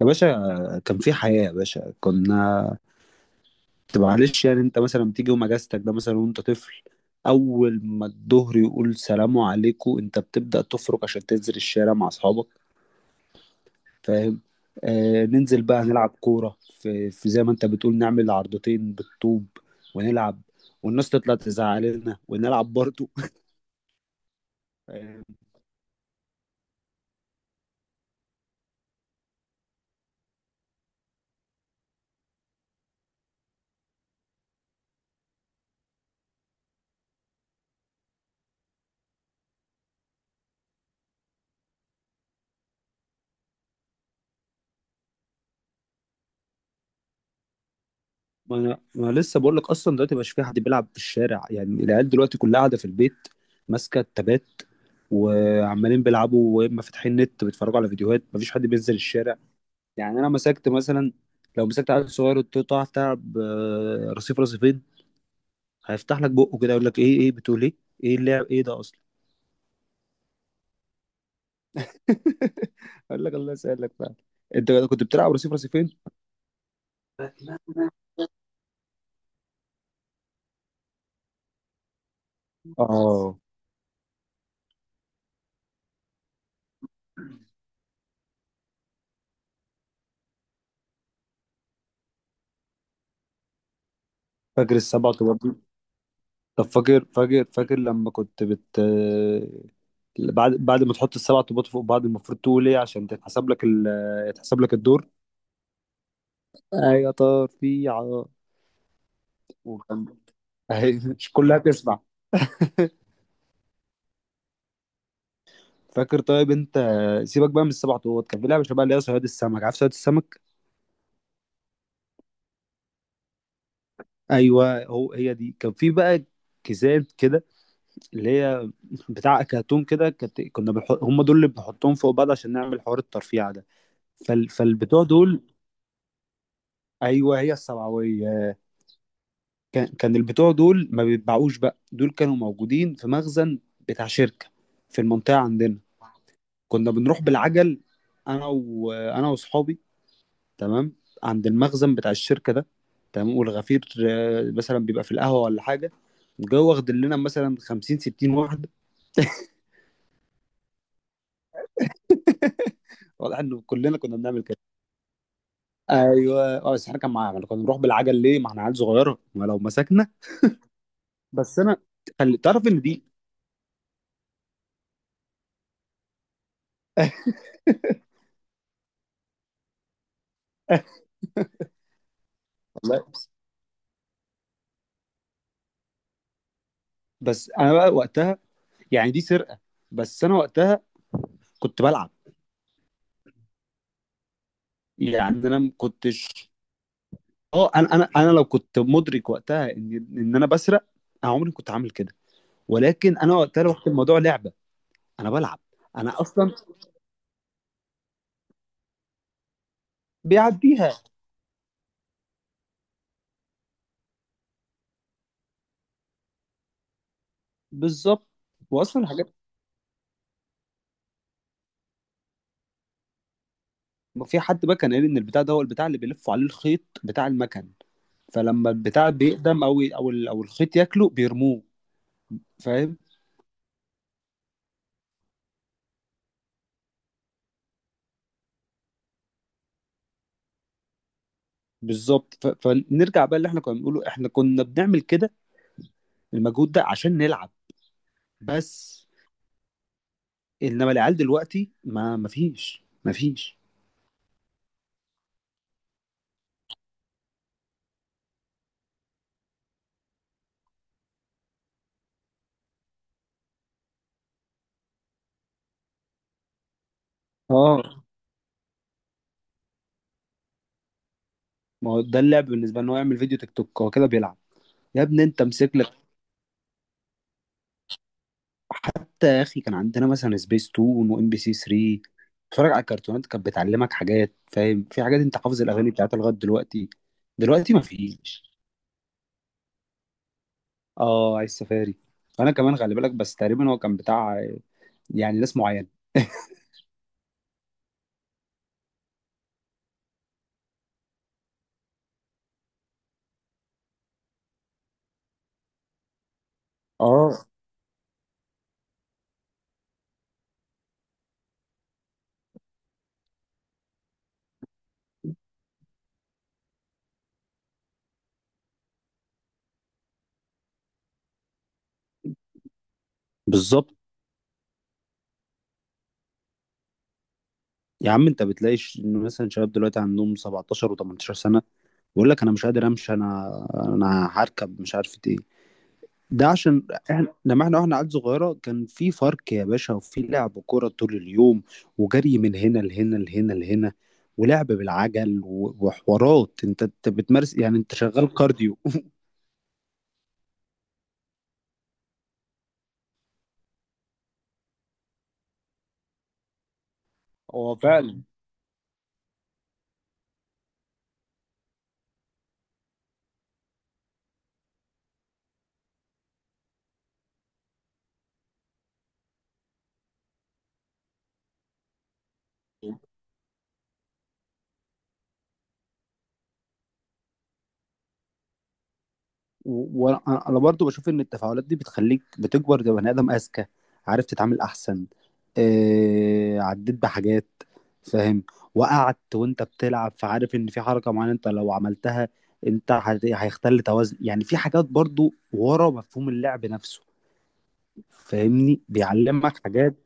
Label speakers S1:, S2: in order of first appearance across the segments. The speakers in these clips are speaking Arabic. S1: يا باشا، كان في حياة يا باشا. كنا... طب، معلش، يعني انت مثلا تيجي يوم اجازتك ده، مثلا وانت طفل، اول ما الظهر يقول سلام عليكم انت بتبدأ تفرك عشان تنزل الشارع مع اصحابك. فاهم؟ آه، ننزل بقى نلعب كورة في زي ما انت بتقول، نعمل عرضتين بالطوب ونلعب، والناس تطلع تزعق لنا ونلعب برضه. ما أنا لسه بقول لك، اصلا دلوقتي مش في حد بيلعب في الشارع. يعني العيال دلوقتي كلها قاعده في البيت ماسكه التابات وعمالين بيلعبوا، واما فاتحين نت بيتفرجوا على فيديوهات. مفيش حد بينزل الشارع. يعني انا مسكت مثلا، لو مسكت عيل صغير قلت له تعرف تلعب آه، رصيف رصيفين، هيفتح لك بقه كده يقول لك ايه، ايه بتقول؟ ايه ايه اللعب ايه ده اصلا؟ اقول لك الله يسهل لك بقى. انت كنت بتلعب رصيف رصيفين. اه. فاكر السبعة وتمانية؟ طب فاكر، فاكر لما كنت بعد ما تحط السبع طوبات فوق بعض المفروض تقول ايه عشان تتحسب لك يتحسب لك الدور؟ ايوه، طار في عار. وكان أهي، مش كلها تسمع. فاكر؟ طيب انت سيبك بقى من السبع طوبات، كان في لعبه شبه اللي هي صياد السمك. عارف صياد السمك؟ ايوه هو، هي دي. كان في بقى كيسات كده اللي هي بتاع كرتون كده كانت، كنا بنحط هم دول اللي بنحطهم فوق بعض عشان نعمل حوار الترفيع ده. فالبتوع دول. ايوه هي السبعويه. كان البتوع دول ما بيتباعوش بقى، دول كانوا موجودين في مخزن بتاع شركة في المنطقة عندنا. كنا بنروح بالعجل، انا واصحابي، تمام، عند المخزن بتاع الشركة ده، تمام. والغفير آه، مثلا بيبقى في القهوة ولا حاجة جوه، واخد لنا مثلا 50 60 واحدة. واضح ان كلنا كنا بنعمل كده. ايوه، اه، بس احنا كان معانا، كنا بنروح بالعجل ليه؟ ما احنا عيال صغيره، ما لو مسكنا... بس انا خلي تعرف ان دي... والله، بس انا بقى وقتها يعني دي سرقه. بس انا وقتها كنت بلعب، يعني انا ما كنتش، اه انا لو كنت مدرك وقتها ان انا بسرق، انا عمري ما كنت عامل كده. ولكن انا وقتها واخد الموضوع لعبه، انا بلعب، انا اصلا بيعديها. بالظبط. واصلا الحاجات، في حد بقى كان قال ان البتاع ده هو البتاع اللي بيلفوا عليه الخيط بتاع المكن، فلما البتاع بيقدم او الخيط ياكله بيرموه. فاهم. بالظبط. فنرجع بقى اللي احنا كنا بنقوله، احنا كنا بنعمل كده المجهود ده عشان نلعب بس. انما العيال دلوقتي ما فيش. اه، ما هو ده اللعب بالنسبه، ان هو يعمل فيديو تيك توك هو كده بيلعب. يا ابني انت امسك لك، حتى يا اخي كان عندنا مثلا سبيس تون وام بي سي 3، اتفرج على الكرتونات كانت بتعلمك حاجات. فاهم؟ في حاجات انت حافظ الاغاني بتاعتها لغايه دلوقتي. دلوقتي ما فيش. اه عايز سفاري. انا كمان خلي بالك، بس تقريبا هو كان بتاع يعني ناس معينه. اه بالظبط. يا عم انت بتلاقي مثلا شباب دلوقتي عندهم 17 و18 سنه بيقول لك انا مش قادر امشي، انا انا هركب مش عارف ايه. ده عشان احنا لما احنا واحنا عيال صغيره كان في فرق يا باشا، وفي لعب كوره طول اليوم، وجري من هنا لهنا لهنا لهنا، ولعب بالعجل و- وحوارات. انت أنت بتمارس، يعني انت شغال كارديو. هو فعلا. وانا برضو بشوف ان التفاعلات دي بتخليك بتكبر كبني ادم اذكى، عارف تتعامل احسن، آه عديت بحاجات، فاهم؟ وقعت وانت بتلعب، فعارف ان في حركه معينه انت لو عملتها انت هيختل توازن. يعني في حاجات برضو ورا مفهوم اللعب نفسه، فاهمني، بيعلمك حاجات.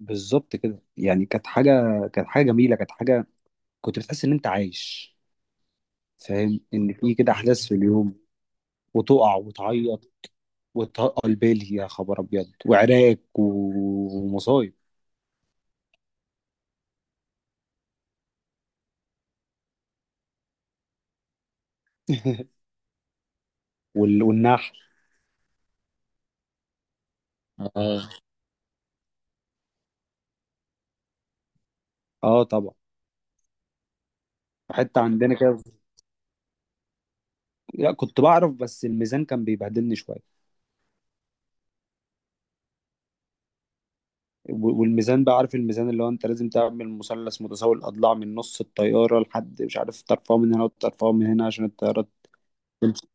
S1: بالظبط كده، يعني كانت حاجه، كانت حاجه جميله، كانت حاجه كنت بتحس ان انت عايش. فاهم ان في كده احداث في اليوم، وتقع وتعيط، وتقل بالي يا خبر ابيض، وعراك ومصايب. وال- والنحل. اه. اه طبعا. حتى عندنا كده. لا كنت بعرف، بس الميزان كان بيبهدلني شويه. و- والميزان بقى، عارف الميزان اللي هو انت لازم تعمل مثلث متساوي الاضلاع من نص الطياره لحد مش عارف، ترفعه من هنا وترفعه من هنا عشان الطياره تمشي.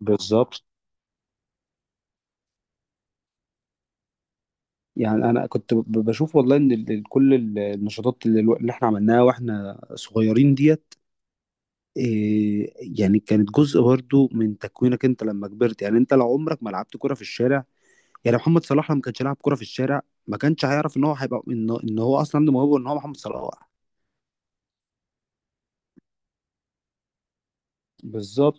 S1: بالظبط. يعني انا كنت ب- بشوف والله ان ال- ال- كل ال- النشاطات اللي, الو- اللي احنا عملناها واحنا صغيرين ديت، إيه، يعني كانت جزء برضو من تكوينك انت لما كبرت. يعني انت لو عمرك ما لعبت كرة في الشارع، يعني محمد صلاح لما ما كانش لعب كرة في الشارع ما كانش هيعرف ان هو هيبقى، إن هو اصلا عنده موهبة ان هو محمد صلاح. بالظبط.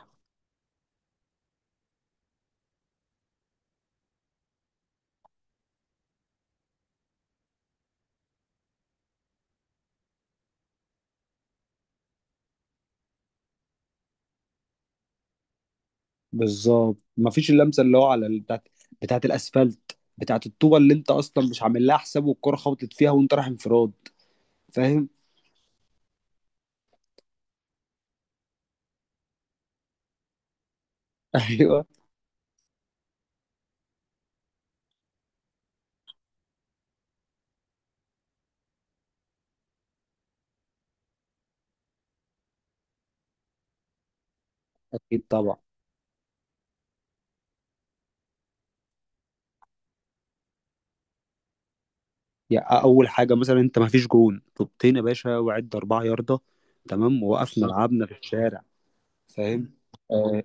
S1: بالظبط، مفيش اللمسه اللي هو على ال- بتاعت، بتاعت الاسفلت، بتاعت الطوبه اللي انت اصلا مش عامل لها حساب والكره خبطت فيها وانت رايح انفراد. فاهم. ايوه. اكيد طبعا. يعني اول حاجة مثلا، انت ما فيش جون، طوبتين يا باشا وعد اربعة ياردة، تمام ووقفنا، بالظبط لعبنا في الشارع. فاهم؟ آه.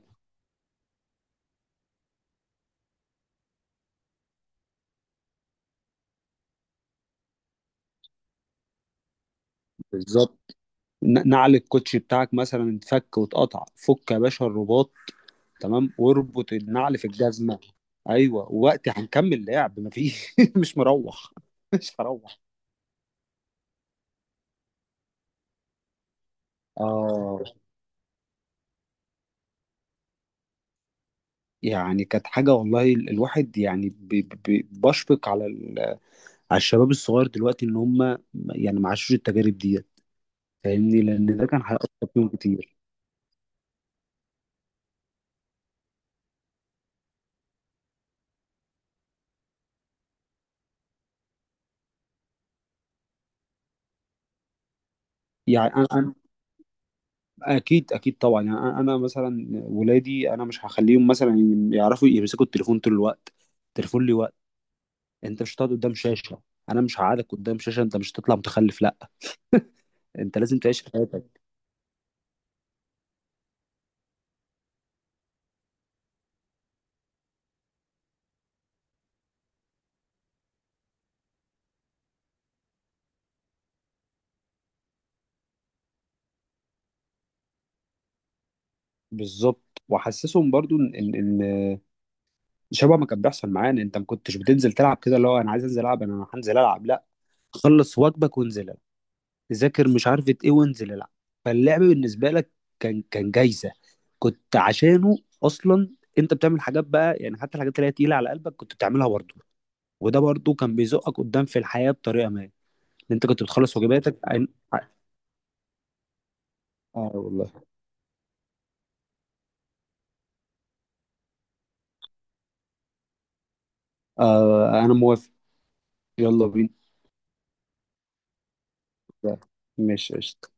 S1: بالظبط. ن- نعل الكوتشي بتاعك مثلا اتفك واتقطع، فك يا باشا الرباط تمام، واربط النعل في الجزمه. ايوه وقت هنكمل لعب مفيش مش مروح مش هروح. اه، يعني كانت حاجه والله. ال- الواحد يعني بشفق على ال- على الشباب الصغير دلوقتي ان هم يعني ما عاشوش التجارب ديت، فاهمني، لان ده كان هيأثر فيهم كتير. يعني انا اكيد طبعا، يعني أنا مثلا ولادي انا مش هخليهم مثلا يعرفوا يمسكوا التليفون طول الوقت. التليفون ليه وقت. انت مش هتقعد قدام شاشه. انا مش هقعدك قدام شاشه انت مش هتطلع متخلف. لا، انت لازم تعيش حياتك. بالظبط. واحسسهم برضو ان ان إن شبه ما كان بيحصل معانا. انت ما كنتش بتنزل تلعب كده اللي هو انا عايز انزل العب انا هنزل العب، لا، خلص واجبك وانزل، ذاكر مش عارفة ايه وانزل العب. فاللعب بالنسبة لك كان كان جايزة، كنت عشانه اصلا انت بتعمل حاجات بقى، يعني حتى الحاجات اللي هي تقيلة على قلبك كنت بتعملها برضه. وده برضه كان بيزقك قدام في الحياة بطريقة ما، ان انت كنت بتخلص واجباتك اه والله. آه انا موافق. يلا بينا. ماشي، قشطة.